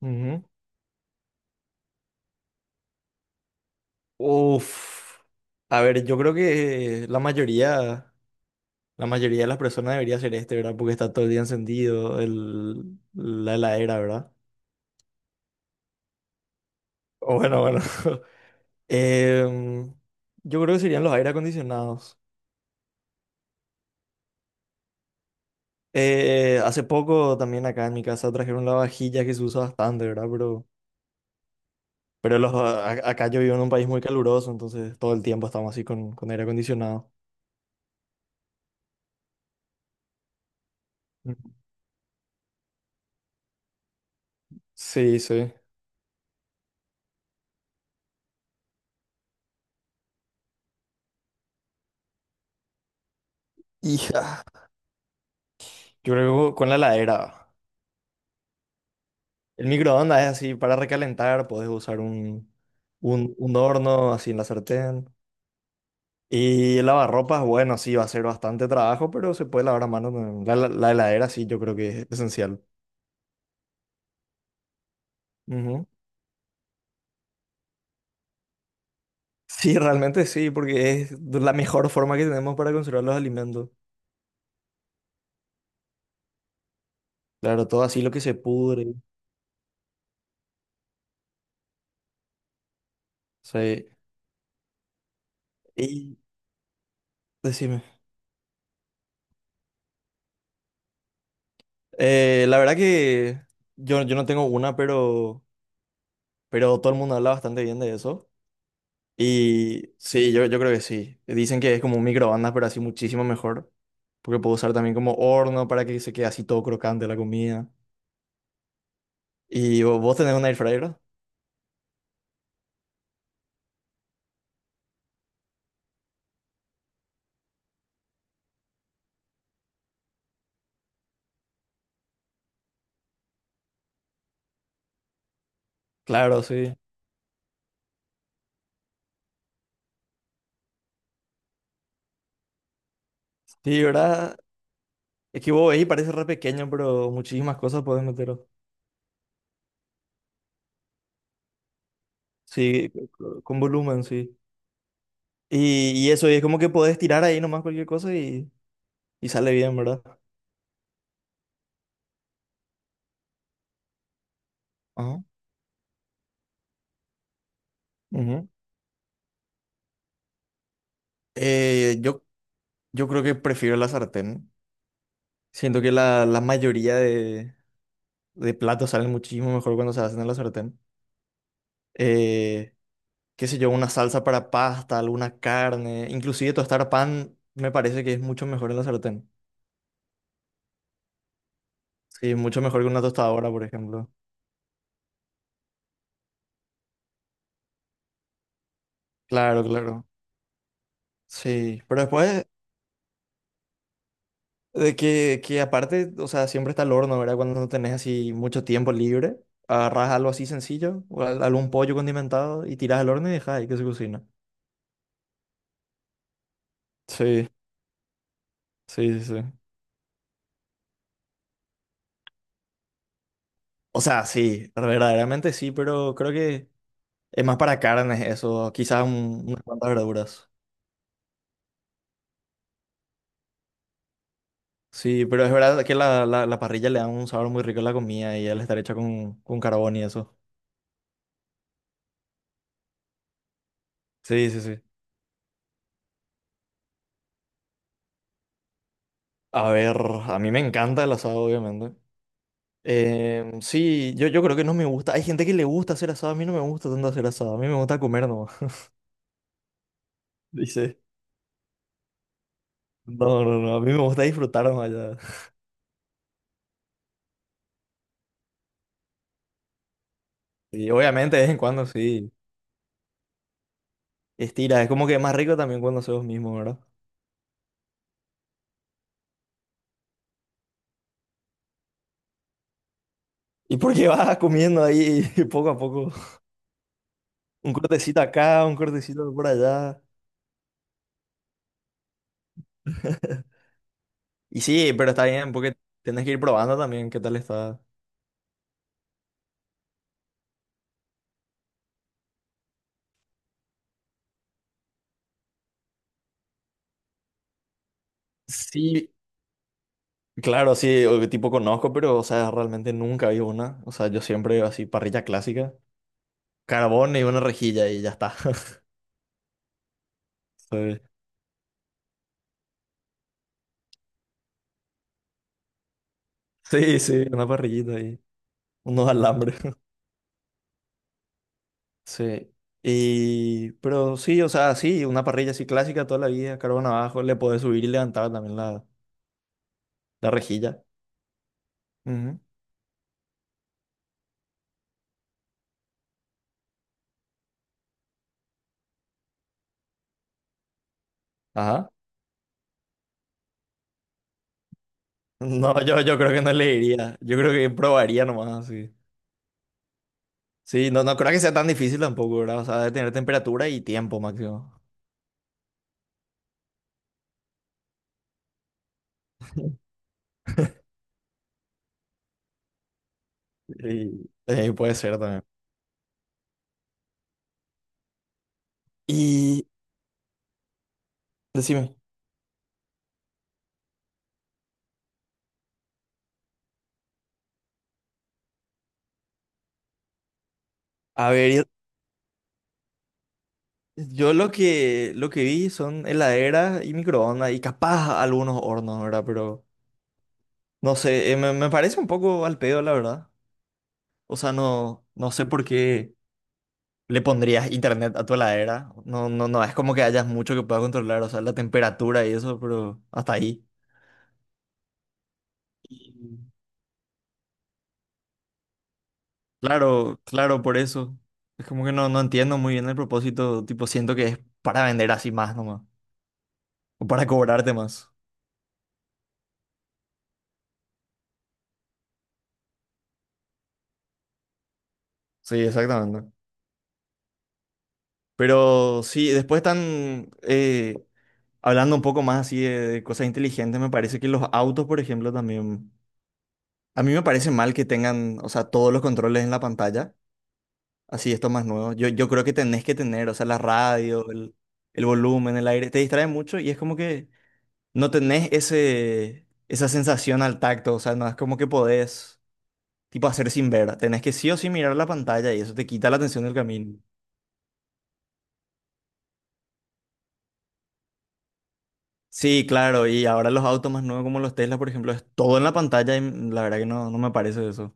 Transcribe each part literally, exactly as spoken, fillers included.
Ujú. Uf. A ver, yo creo que la mayoría, la mayoría de las personas debería ser este, ¿verdad? Porque está todo el día encendido el, la heladera, ¿verdad? O Bueno, bueno. Em, yo creo que serían los aire acondicionados. Eh, hace poco también acá en mi casa trajeron la vajilla que se usa bastante, ¿verdad? Pero, pero los, a- acá yo vivo en un país muy caluroso, entonces todo el tiempo estamos así con, con aire acondicionado. Ujú. Sí, sí. Hija, yo creo que con la heladera. El microondas es así para recalentar, puedes usar un, un, un horno así en la sartén. Y el lavarropas, bueno, sí, va a ser bastante trabajo, pero se puede lavar a mano también. La, la- la heladera, sí, yo creo que es esencial. Ujú. Sí, realmente sí, porque es la mejor forma que tenemos para conservar los alimentos. Claro, todo así lo que se pudre. Sí. Y decime, eh, la verdad que yo, yo no tengo una, pero, pero todo el mundo habla bastante bien de eso. Y sí, yo, yo creo que sí. Dicen que es como un microondas, pero así muchísimo mejor. Porque puedo usar también como horno para que se quede así todo crocante la comida. ¿Y vo- vos tenés un air fryer? Claro, sí. Sí, ¿verdad? Es que vos veis, parece re pequeño, pero muchísimas cosas podés meter. Sí, co- con volumen, sí. Y, y eso, y es como que podés tirar ahí nomás cualquier cosa y, y sale bien, ¿verdad? Ajá. Ujú. Eh, yo, yo creo que prefiero la sartén. Siento que la, la mayoría de, de platos salen muchísimo mejor cuando se hacen en la sartén. Eh, Qué sé yo, una salsa para pasta, alguna carne, inclusive tostar pan me parece que es mucho mejor en la sartén. Sí, mucho mejor que una tostadora, por ejemplo. Claro, claro. Sí, pero después de que, que aparte, o sea, siempre está el horno, ¿verdad? Cuando no tenés así mucho tiempo libre, agarrás algo así sencillo, o al- algún pollo condimentado y tirás al horno y dejás ahí que se cocina. Sí, sí, sí, sí. O sea, sí, verdaderamente sí, pero creo que es más para carnes eso, quizás un- unas cuantas verduras. Sí, pero es verdad que la, la, la parrilla le da un sabor muy rico a la comida y al estar hecha con, con carbón y eso. Sí, sí, sí. A ver, a mí me encanta el asado, obviamente. Em, sí, yo, yo creo que no me gusta. Hay gente que le gusta hacer asado, a mí no me gusta tanto hacer asado, a mí me gusta comer nomás. Dice, no, no, no, a mí me gusta disfrutar nomás ya. Y obviamente de vez en cuando sí, estira, es como que es más rico también cuando haces vos mismo, ¿verdad? Y porque vas comiendo ahí poco a poco. Un cortecito acá, un cortecito por allá. Y sí, pero está bien, porque tienes que ir probando también qué tal está. Sí, claro, sí, o- tipo conozco, pero, o sea, realmente nunca vi una. O sea, yo siempre así, parrilla clásica, carbón y una rejilla y ya está. Sí, sí, sí, una parrillita y unos alambres. Sí. Y, pero sí, o sea, sí, una parrilla así clásica toda la vida, carbón abajo, le podés subir y levantar también la, la rejilla. Ujú. Ajá. No, yo, yo creo que no le iría. Yo creo que probaría nomás, sí. Sí, no, no creo que sea tan difícil tampoco, ¿verdad? O sea, de tener temperatura y tiempo máximo. Y, eh, puede ser también. Y decime, a ver, yo, yo lo que, lo que vi son heladeras y microondas y capaz algunos hornos, ¿verdad? Pero no sé, eh, me, me parece un poco al pedo, la verdad. O sea, no, no sé por qué le pondrías internet a tu heladera. No, no, no, es como que hayas mucho que puedas controlar, o sea, la temperatura y eso, pero hasta ahí. Claro, claro, por eso. Es como que no, no entiendo muy bien el propósito. Tipo, siento que es para vender así más nomás. O para cobrarte más. Sí, exactamente. Pero sí, después están eh, hablando un poco más así de, de cosas inteligentes. Me parece que los autos, por ejemplo, también. A mí me parece mal que tengan, o sea, todos los controles en la pantalla. Así, esto más nuevo. Yo, yo creo que tenés que tener, o sea, la radio, el, el volumen, el aire. Te distrae mucho y es como que no tenés ese, esa sensación al tacto, o sea, no es como que podés, tipo, hacer sin ver, tenés que sí o sí mirar la pantalla y eso te quita la atención del camino. Sí, claro, y ahora los autos más nuevos como los Tesla, por ejemplo, es todo en la pantalla y mm, la verdad que no, no me parece eso.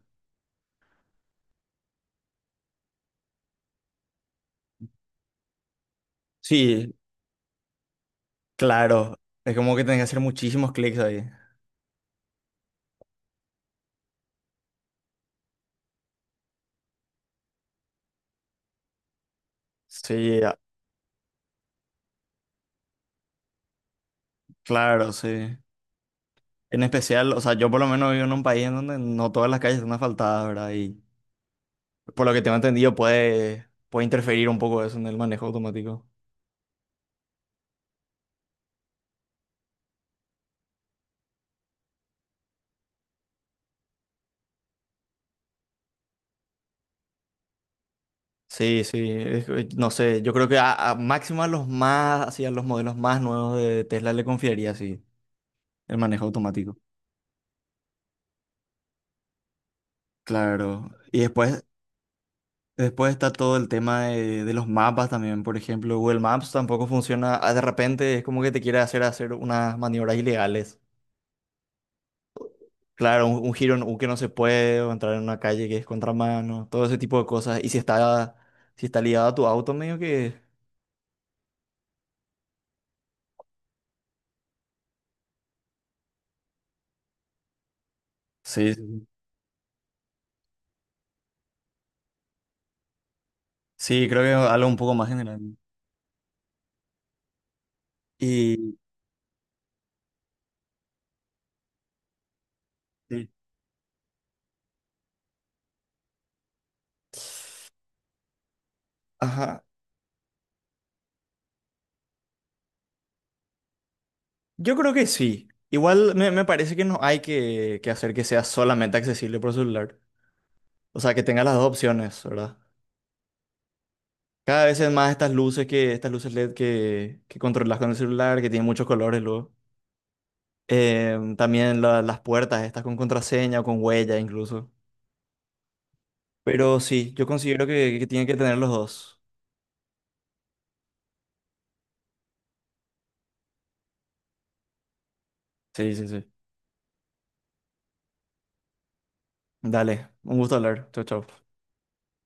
Sí, claro, es como que tenés que hacer muchísimos clics ahí. Sí, a- claro, sí. En especial, o sea, yo por lo menos vivo en un país en donde no todas las calles están asfaltadas, ¿verdad? Y por lo que tengo entendido puede, puede interferir un poco eso en el manejo automático. Sí, sí, es que, no sé, yo creo que a, a máximo a los más, así a los modelos más nuevos de Tesla le confiaría, así el manejo automático. Claro, y después, después está todo el tema de, de los mapas también, por ejemplo, Google Maps tampoco funciona, ah, de repente es como que te quiere hacer hacer unas maniobras ilegales. Claro, un, un giro en U que no se puede, o entrar en una calle que es contramano, todo ese tipo de cosas. Y si está, si está ligado a tu auto, medio que... Sí, sí, sí, creo que es algo un poco más general. Y... sí. Ajá. Yo creo que sí. Igual me, me parece que no hay que, que hacer que sea solamente accesible por celular. O sea, que tenga las dos opciones, ¿verdad? Cada vez es más estas luces que, estas luces L E D que, que controlas con el celular, que tienen muchos colores luego. Em, también la- las puertas, estas con contraseña o con huella incluso. Pero sí, yo considero que, que tienen que tener los dos. Sí, sí, sí. Dale, un gusto hablar. Chau, chau.